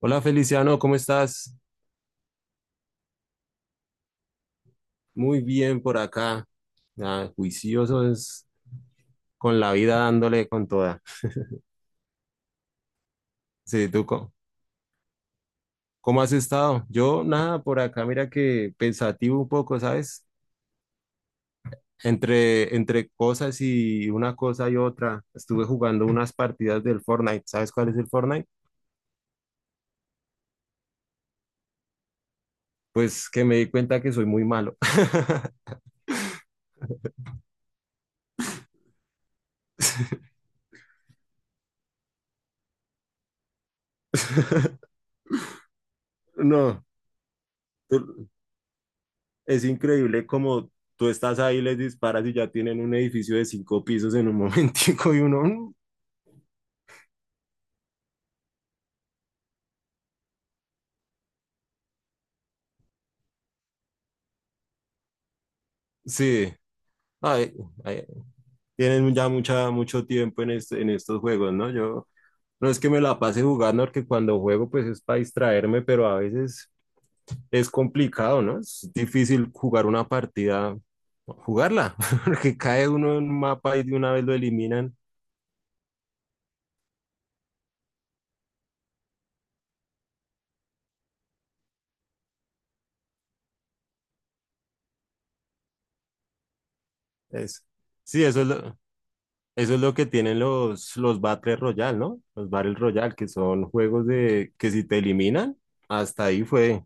Hola Feliciano, ¿cómo estás? Muy bien por acá. Ah, juicioso es con la vida dándole con toda. Sí, cómo has estado? Yo nada, por acá mira que pensativo un poco, ¿sabes? Entre cosas y una cosa y otra. Estuve jugando unas partidas del Fortnite. ¿Sabes cuál es el Fortnite? Pues que me di cuenta que soy muy malo. No. Es increíble como tú estás ahí, les disparas y ya tienen un edificio de cinco pisos en un momentico y uno, sí, ay, ay, tienen ya mucho tiempo en, en estos juegos, ¿no? Yo no es que me la pase jugando, porque cuando juego pues es para distraerme, pero a veces es complicado, ¿no? Es difícil jugar una partida, jugarla, porque cae uno en un mapa y de una vez lo eliminan. Es, sí, eso es lo... Eso es lo que tienen los Battle Royale, ¿no? Los Battle Royale, que son juegos de que si te eliminan, hasta ahí fue.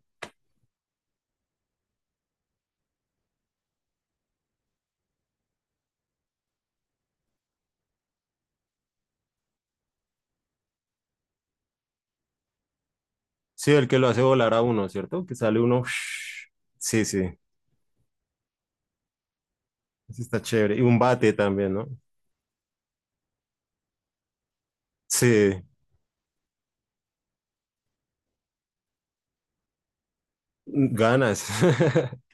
Sí, el que lo hace volar a uno, ¿cierto? Que sale uno. Sí, sí. Eso está chévere. Y un bate también, ¿no? Sí, ganas.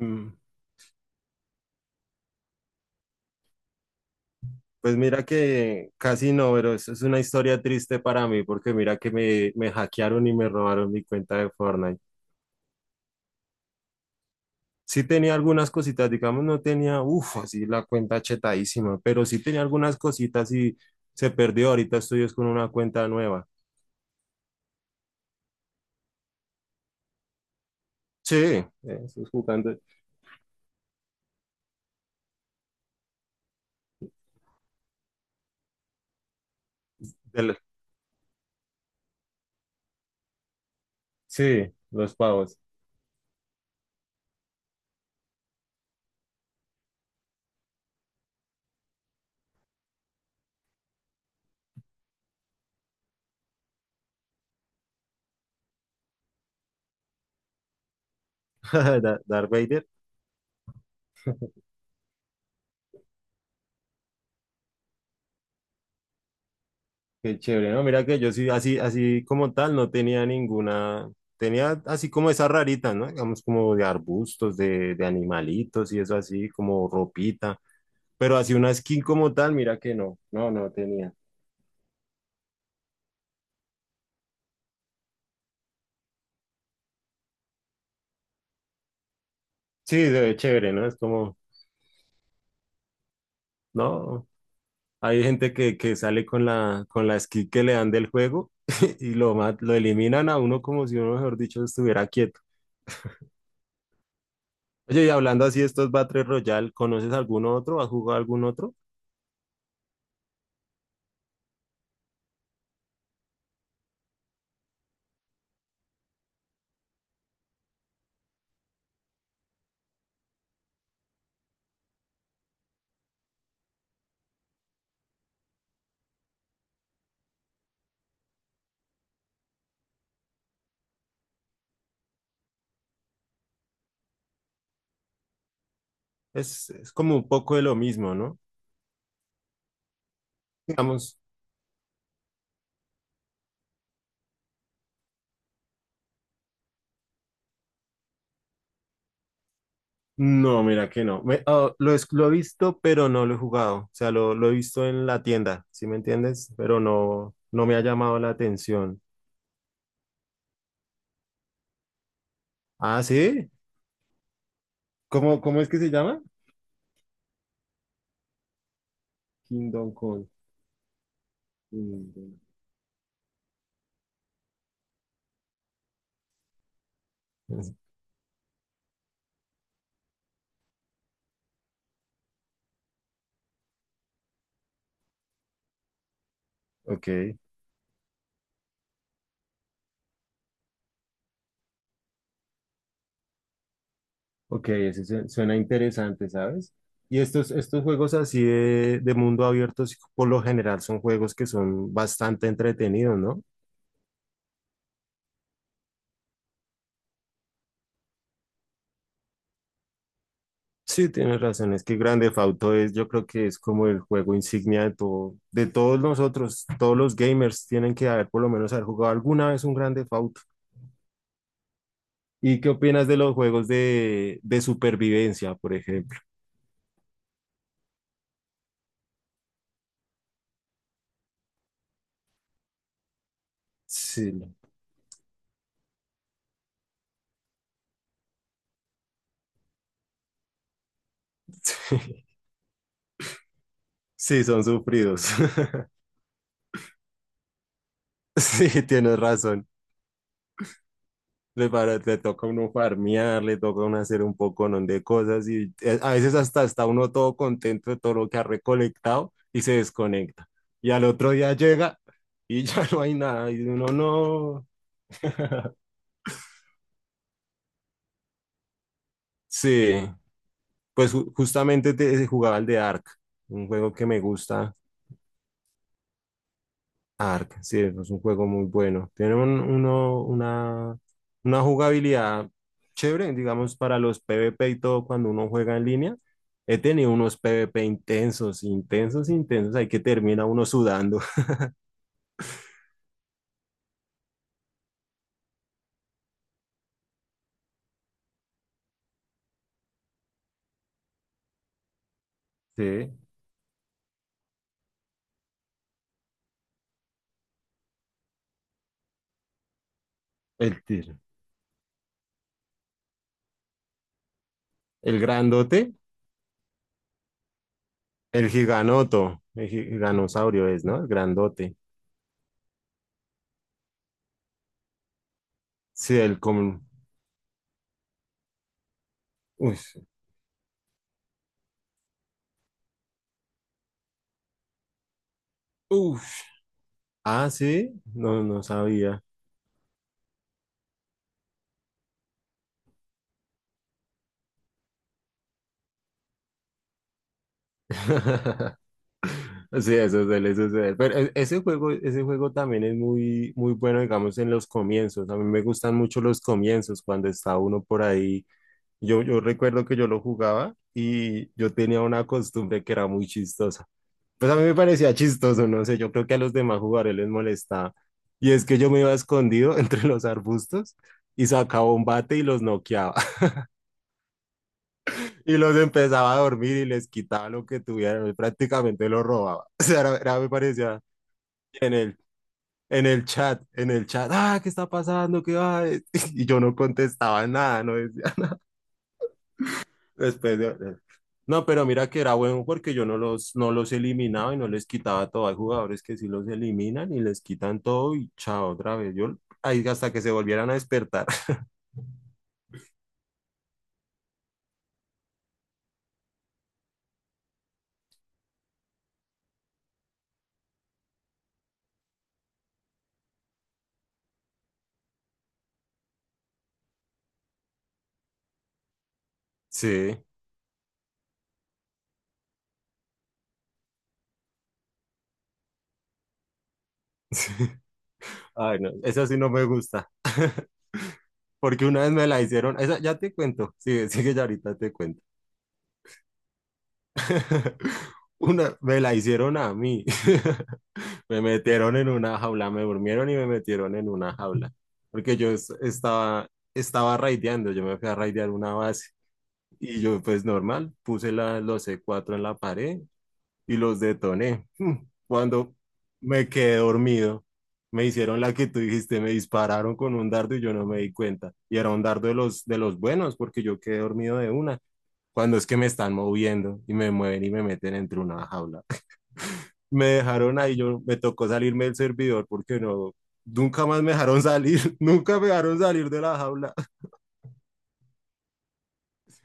Mm, Pues mira que casi no, pero eso es una historia triste para mí, porque mira que me hackearon y me robaron mi cuenta de Fortnite. Sí tenía algunas cositas, digamos, no tenía, uff, así la cuenta chetadísima, pero sí tenía algunas cositas y se perdió. Ahorita estoy es con una cuenta nueva. Sí, estoy jugando. del- sí, los pavos. Darth Vader, qué chévere, ¿no? Mira que yo sí, así como tal, no tenía ninguna. Tenía así como esas raritas, ¿no? Digamos, como de arbustos, de animalitos y eso así, como ropita. Pero así una skin como tal, mira que no, no tenía. Sí, se ve chévere, ¿no? Es como. No, hay gente que sale con la skin que le dan del juego y lo, lo eliminan a uno como si uno, mejor dicho, estuviera quieto. Oye, y hablando así de estos Battle Royale, ¿conoces algún otro? ¿Has jugado algún otro? Es como un poco de lo mismo, ¿no? Digamos, no, mira que no. Lo, lo he visto, pero no lo he jugado. O sea, lo he visto en la tienda, ¿sí me entiendes? Pero no, no me ha llamado la atención. Ah, ¿sí? ¿Cómo es que se llama? Kingdom Come. Kingdom. Ok. Ok, suena interesante, ¿sabes? Y estos juegos así de mundo abierto, sí, por lo general, son juegos que son bastante entretenidos, ¿no? Sí, tienes razón, es que Grand Theft Auto es, yo creo que es como el juego insignia de todo, de todos nosotros, todos los gamers tienen que haber por lo menos haber jugado alguna vez un Grand Theft Auto. ¿Y qué opinas de los juegos de supervivencia, por ejemplo? Sí, sí, son sufridos. Sí, tienes razón. Le toca a uno farmear, le toca a uno hacer un poco de cosas y a veces hasta está uno todo contento de todo lo que ha recolectado y se desconecta. Y al otro día llega y ya no hay nada y uno no... Sí, pues justamente jugaba el de Ark, un juego que me gusta. Ark, sí, es un juego muy bueno. Tiene una jugabilidad chévere, digamos, para los PvP y todo cuando uno juega en línea. He tenido unos PvP intensos, ahí que termina uno sudando. Sí, el tir- el grandote, el giganoto, giganosaurio es, ¿no? El grandote. Sí, el común. Uf, uf. Ah, sí, no, no sabía. Sí, eso es él, eso. Pero ese juego también es muy, muy bueno, digamos, en los comienzos. A mí me gustan mucho los comienzos, cuando está uno por ahí. Yo recuerdo que yo lo jugaba y yo tenía una costumbre que era muy chistosa. Pues a mí me parecía chistoso, no sé, yo creo que a los demás jugadores les molestaba. Y es que yo me iba escondido entre los arbustos y sacaba un bate y los noqueaba. Y los empezaba a dormir y les quitaba lo que tuvieran, prácticamente los robaba. O sea, me parecía genial. En el chat, en el chat, ah, ¿qué está pasando? ¿Qué va? Y yo no contestaba nada, no decía, después de- no, pero mira que era bueno porque yo no los eliminaba y no les quitaba todo. Hay jugadores que sí los eliminan y les quitan todo y chao, otra vez. Yo ahí hasta que se volvieran a despertar. Sí, sí. Ay, no, esa sí no me gusta. Porque una vez me la hicieron, esa ya te cuento, sigue, sigue, ya ahorita te cuento. Una, me la hicieron a mí. Me metieron en una jaula, me durmieron y me metieron en una jaula. Porque yo estaba raideando, yo me fui a raidear una base. Y yo, pues normal, puse los C4 en la pared y los detoné. Mm, Cuando me quedé dormido, me hicieron la que tú dijiste, me dispararon con un dardo y yo no me di cuenta. Y era un dardo de de los buenos, porque yo quedé dormido de una. Cuando es que me están moviendo y me mueven y me meten entre una jaula, me dejaron ahí, yo me tocó salirme del servidor porque no, nunca más me dejaron salir, nunca me dejaron salir de la jaula.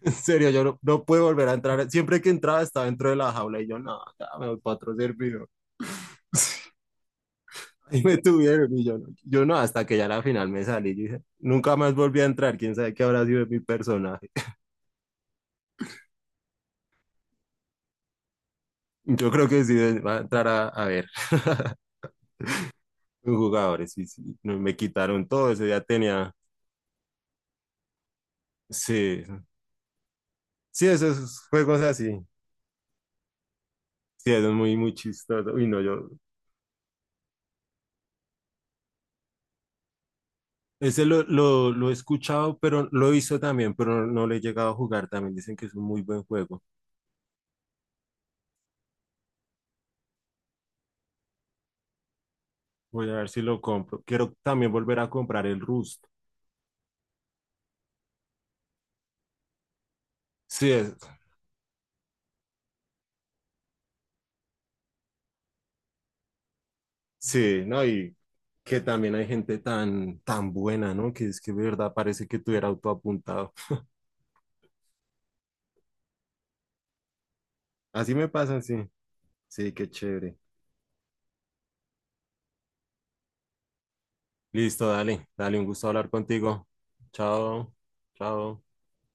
En serio, yo no, no pude volver a entrar. Siempre que entraba estaba dentro de la jaula y yo, no, ya me voy para otro servidor. Ahí me tuvieron y yo, yo no, hasta que ya a la final me salí. Yo dije, nunca más volví a entrar, quién sabe qué habrá sido de mi personaje. Yo creo que sí va a entrar a ver. Los jugadores, sí, sí, no, me quitaron todo, ese día tenía, sí, sí, esos juegos así. Sí, es muy, muy chistoso. Uy, no, yo. Ese lo he escuchado, pero lo he visto también, pero no lo he llegado a jugar. También dicen que es un muy buen juego. Voy a ver si lo compro. Quiero también volver a comprar el Rust. Sí, es, sí, ¿no? Y que también hay gente tan buena, ¿no? Que es que de verdad parece que tuviera autoapuntado. Así me pasa, sí. Sí, qué chévere. Listo, dale, dale, un gusto hablar contigo. Chao, chao.